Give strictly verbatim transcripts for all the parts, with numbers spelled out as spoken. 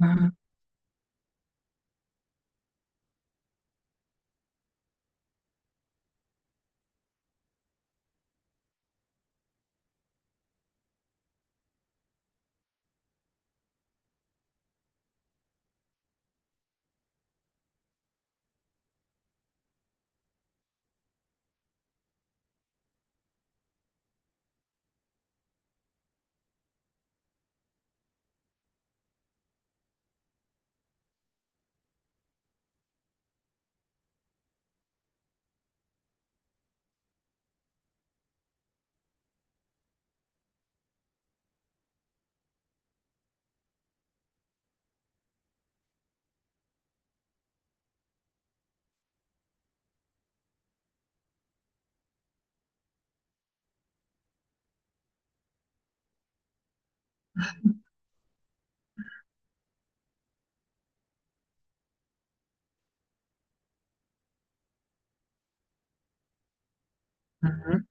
Ajá, ajá,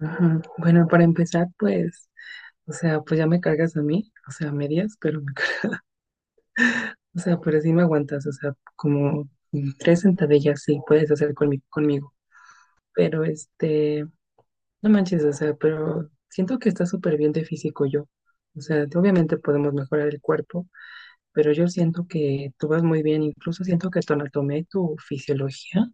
ajá. Bueno, para empezar, pues, o sea, pues ya me cargas a mí, o sea, a medias, pero me cargas, o sea, pero sí me aguantas, o sea, como mm, tres sentadillas sí puedes hacer conmi- conmigo, pero este, no manches, o sea, pero siento que está súper bien de físico yo, o sea, obviamente podemos mejorar el cuerpo, pero yo siento que tú vas muy bien, incluso siento que tu anatomía y tu fisiología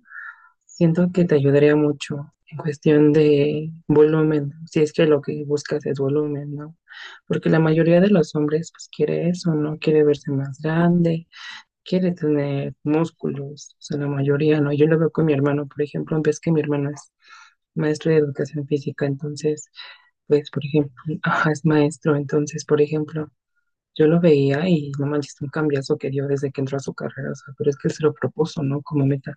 siento que te ayudaría mucho en cuestión de volumen, si es que lo que buscas es volumen, ¿no? Porque la mayoría de los hombres pues quiere eso, ¿no? Quiere verse más grande, quiere tener músculos, o sea, la mayoría, ¿no? Yo lo veo con mi hermano, por ejemplo, ves que mi hermano es maestro de educación física. Entonces, pues, por ejemplo, ajá, es maestro, entonces, por ejemplo, yo lo veía y no manches, un cambiazo que dio desde que entró a su carrera, o sea, pero es que él se lo propuso, ¿no? Como meta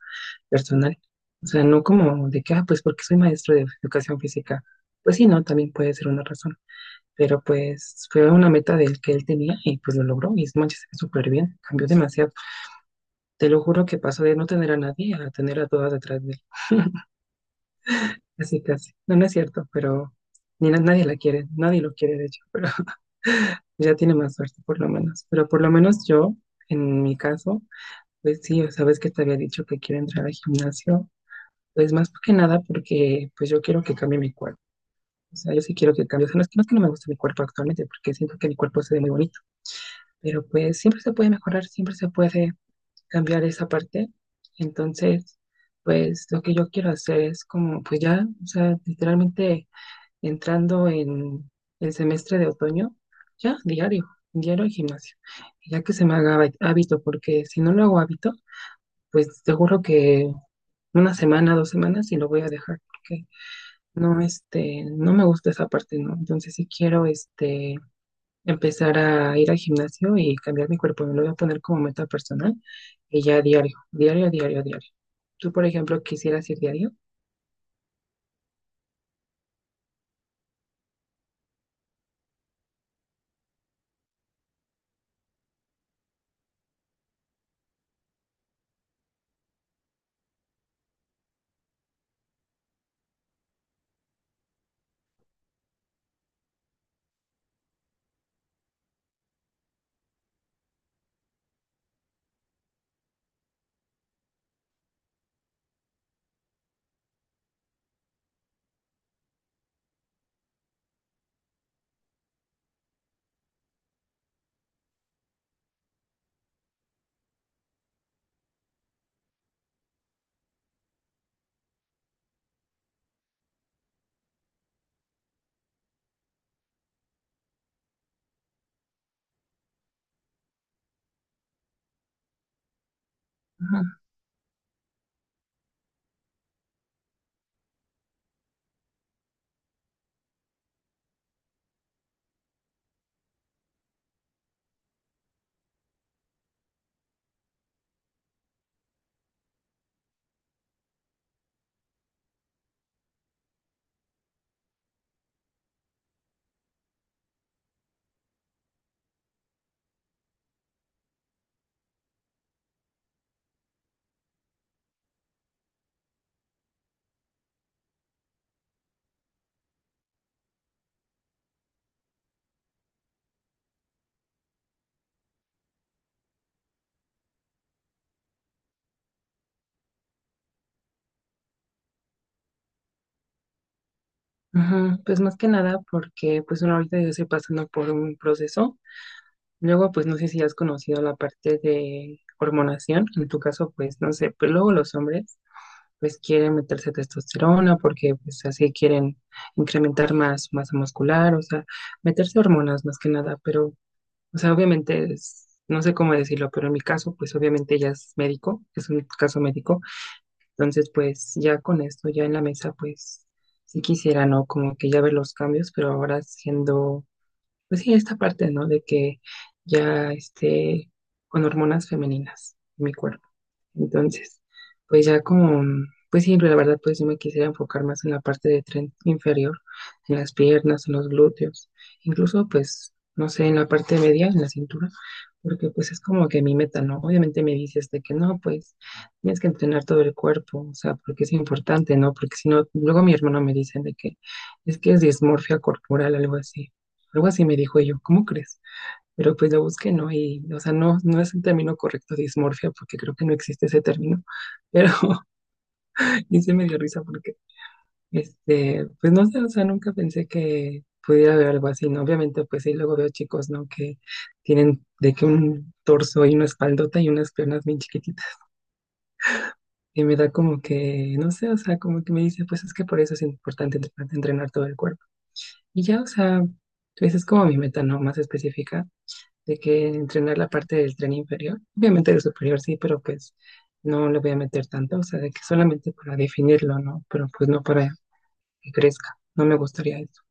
personal. O sea, no como de que, ah, pues porque soy maestro de educación física. Pues sí, no, también puede ser una razón. Pero pues fue una meta del que él tenía y pues lo logró y no manches, súper bien, cambió demasiado. Te lo juro que pasó de no tener a nadie a tener a todas detrás de él. Así casi. No, no es cierto, pero ni na- nadie la quiere, nadie lo quiere de hecho, pero ya tiene más suerte por lo menos. Pero por lo menos yo, en mi caso, pues sí, o sabes que te había dicho que quiero entrar al gimnasio. Pues más que nada porque pues yo quiero que cambie mi cuerpo. O sea, yo sí quiero que cambie. O sea, no es que, no es que no me gusta mi cuerpo actualmente porque siento que mi cuerpo se ve muy bonito. Pero pues siempre se puede mejorar, siempre se puede cambiar esa parte. Entonces, pues lo que yo quiero hacer es como, pues ya, o sea, literalmente entrando en el semestre de otoño, ya diario, diario al gimnasio. Ya que se me haga hábito porque si no lo hago hábito, pues te juro que una semana, dos semanas y lo voy a dejar porque no, este, no me gusta esa parte, ¿no? Entonces sí quiero, este, empezar a ir al gimnasio y cambiar mi cuerpo, me lo voy a poner como meta personal y ya diario, diario, diario, diario. Tú, por ejemplo, quisieras ir diario. Ajá, ajá. Pues más que nada porque pues bueno, ahorita yo estoy pasando por un proceso. Luego, pues no sé si has conocido la parte de hormonación. En tu caso, pues no sé, pero luego los hombres pues quieren meterse testosterona porque pues así quieren incrementar más masa muscular, o sea, meterse hormonas más que nada, pero, o sea, obviamente es, no sé cómo decirlo, pero en mi caso, pues obviamente ella es médico, es un caso médico, entonces pues ya con esto, ya en la mesa, pues sí quisiera, ¿no? Como que ya ver los cambios, pero ahora siendo, pues sí, esta parte, ¿no? De que ya esté con hormonas femeninas en mi cuerpo. Entonces, pues ya como, pues sí, la verdad, pues yo me quisiera enfocar más en la parte de tren inferior, en las piernas, en los glúteos, incluso pues, no sé, en la parte media, en la cintura, porque pues es como que mi meta, ¿no? Obviamente me dices de que no, pues tienes que entrenar todo el cuerpo, o sea, porque es importante, ¿no? Porque si no, luego mi hermano me dice de que es que es dismorfia corporal, algo así, algo así me dijo yo, ¿cómo crees? Pero pues lo busqué, ¿no? Y, o sea, no, no es el término correcto, dismorfia, porque creo que no existe ese término, pero y se me dio risa porque, este, pues no sé, o sea, nunca pensé que pudiera haber algo así, ¿no? Obviamente, pues sí, luego veo chicos, ¿no? Que tienen de que un torso y una espaldota y unas piernas bien chiquititas, y me da como que, no sé, o sea, como que me dice, pues es que por eso es importante entre- entrenar todo el cuerpo. Y ya, o sea, pues es como mi meta, ¿no? Más específica de que entrenar la parte del tren inferior, obviamente el superior sí, pero pues no le voy a meter tanto, o sea, de que solamente para definirlo, ¿no? Pero pues no para que crezca, no me gustaría eso.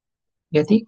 ¿Y a ti?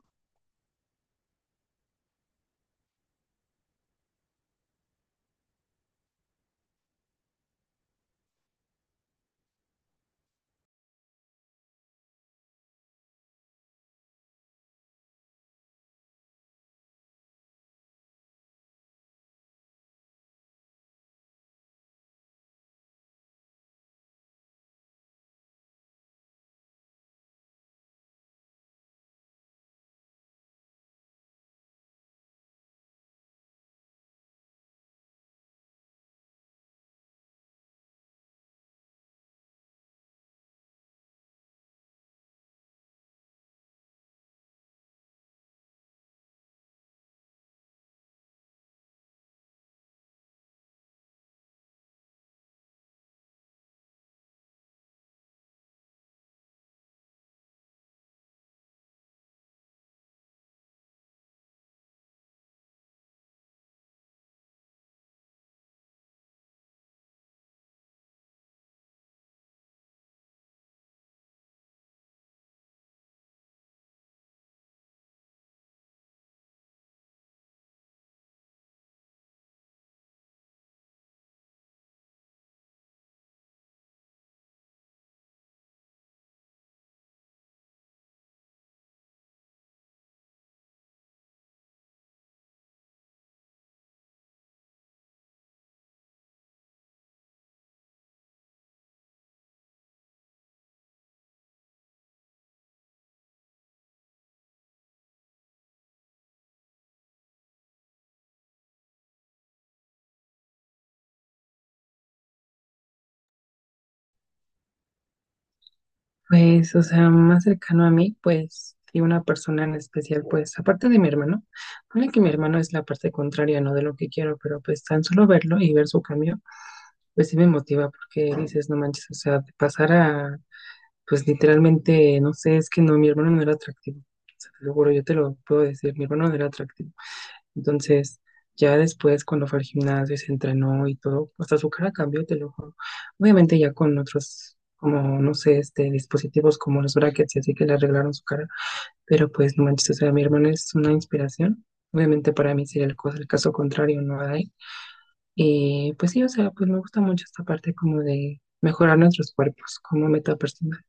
Pues, o sea, más cercano a mí, pues, y una persona en especial, pues, aparte de mi hermano, pone que mi hermano es la parte contraria, ¿no? De lo que quiero, pero pues tan solo verlo y ver su cambio, pues sí me motiva porque dices, no manches, o sea, de pasar a pues literalmente, no sé, es que no, mi hermano no era atractivo. O sea, te lo juro, yo te lo puedo decir, mi hermano no era atractivo. Entonces, ya después, cuando fue al gimnasio y se entrenó y todo, hasta su cara cambió, te lo juro. Obviamente, ya con otros, como, no sé, este, dispositivos como los brackets y así que le arreglaron su cara. Pero pues, no manches, o sea, mi hermano es una inspiración. Obviamente, para mí sería el, cosa- el caso contrario, no hay. Y pues sí, o sea, pues me gusta mucho esta parte como de mejorar nuestros cuerpos como meta personal.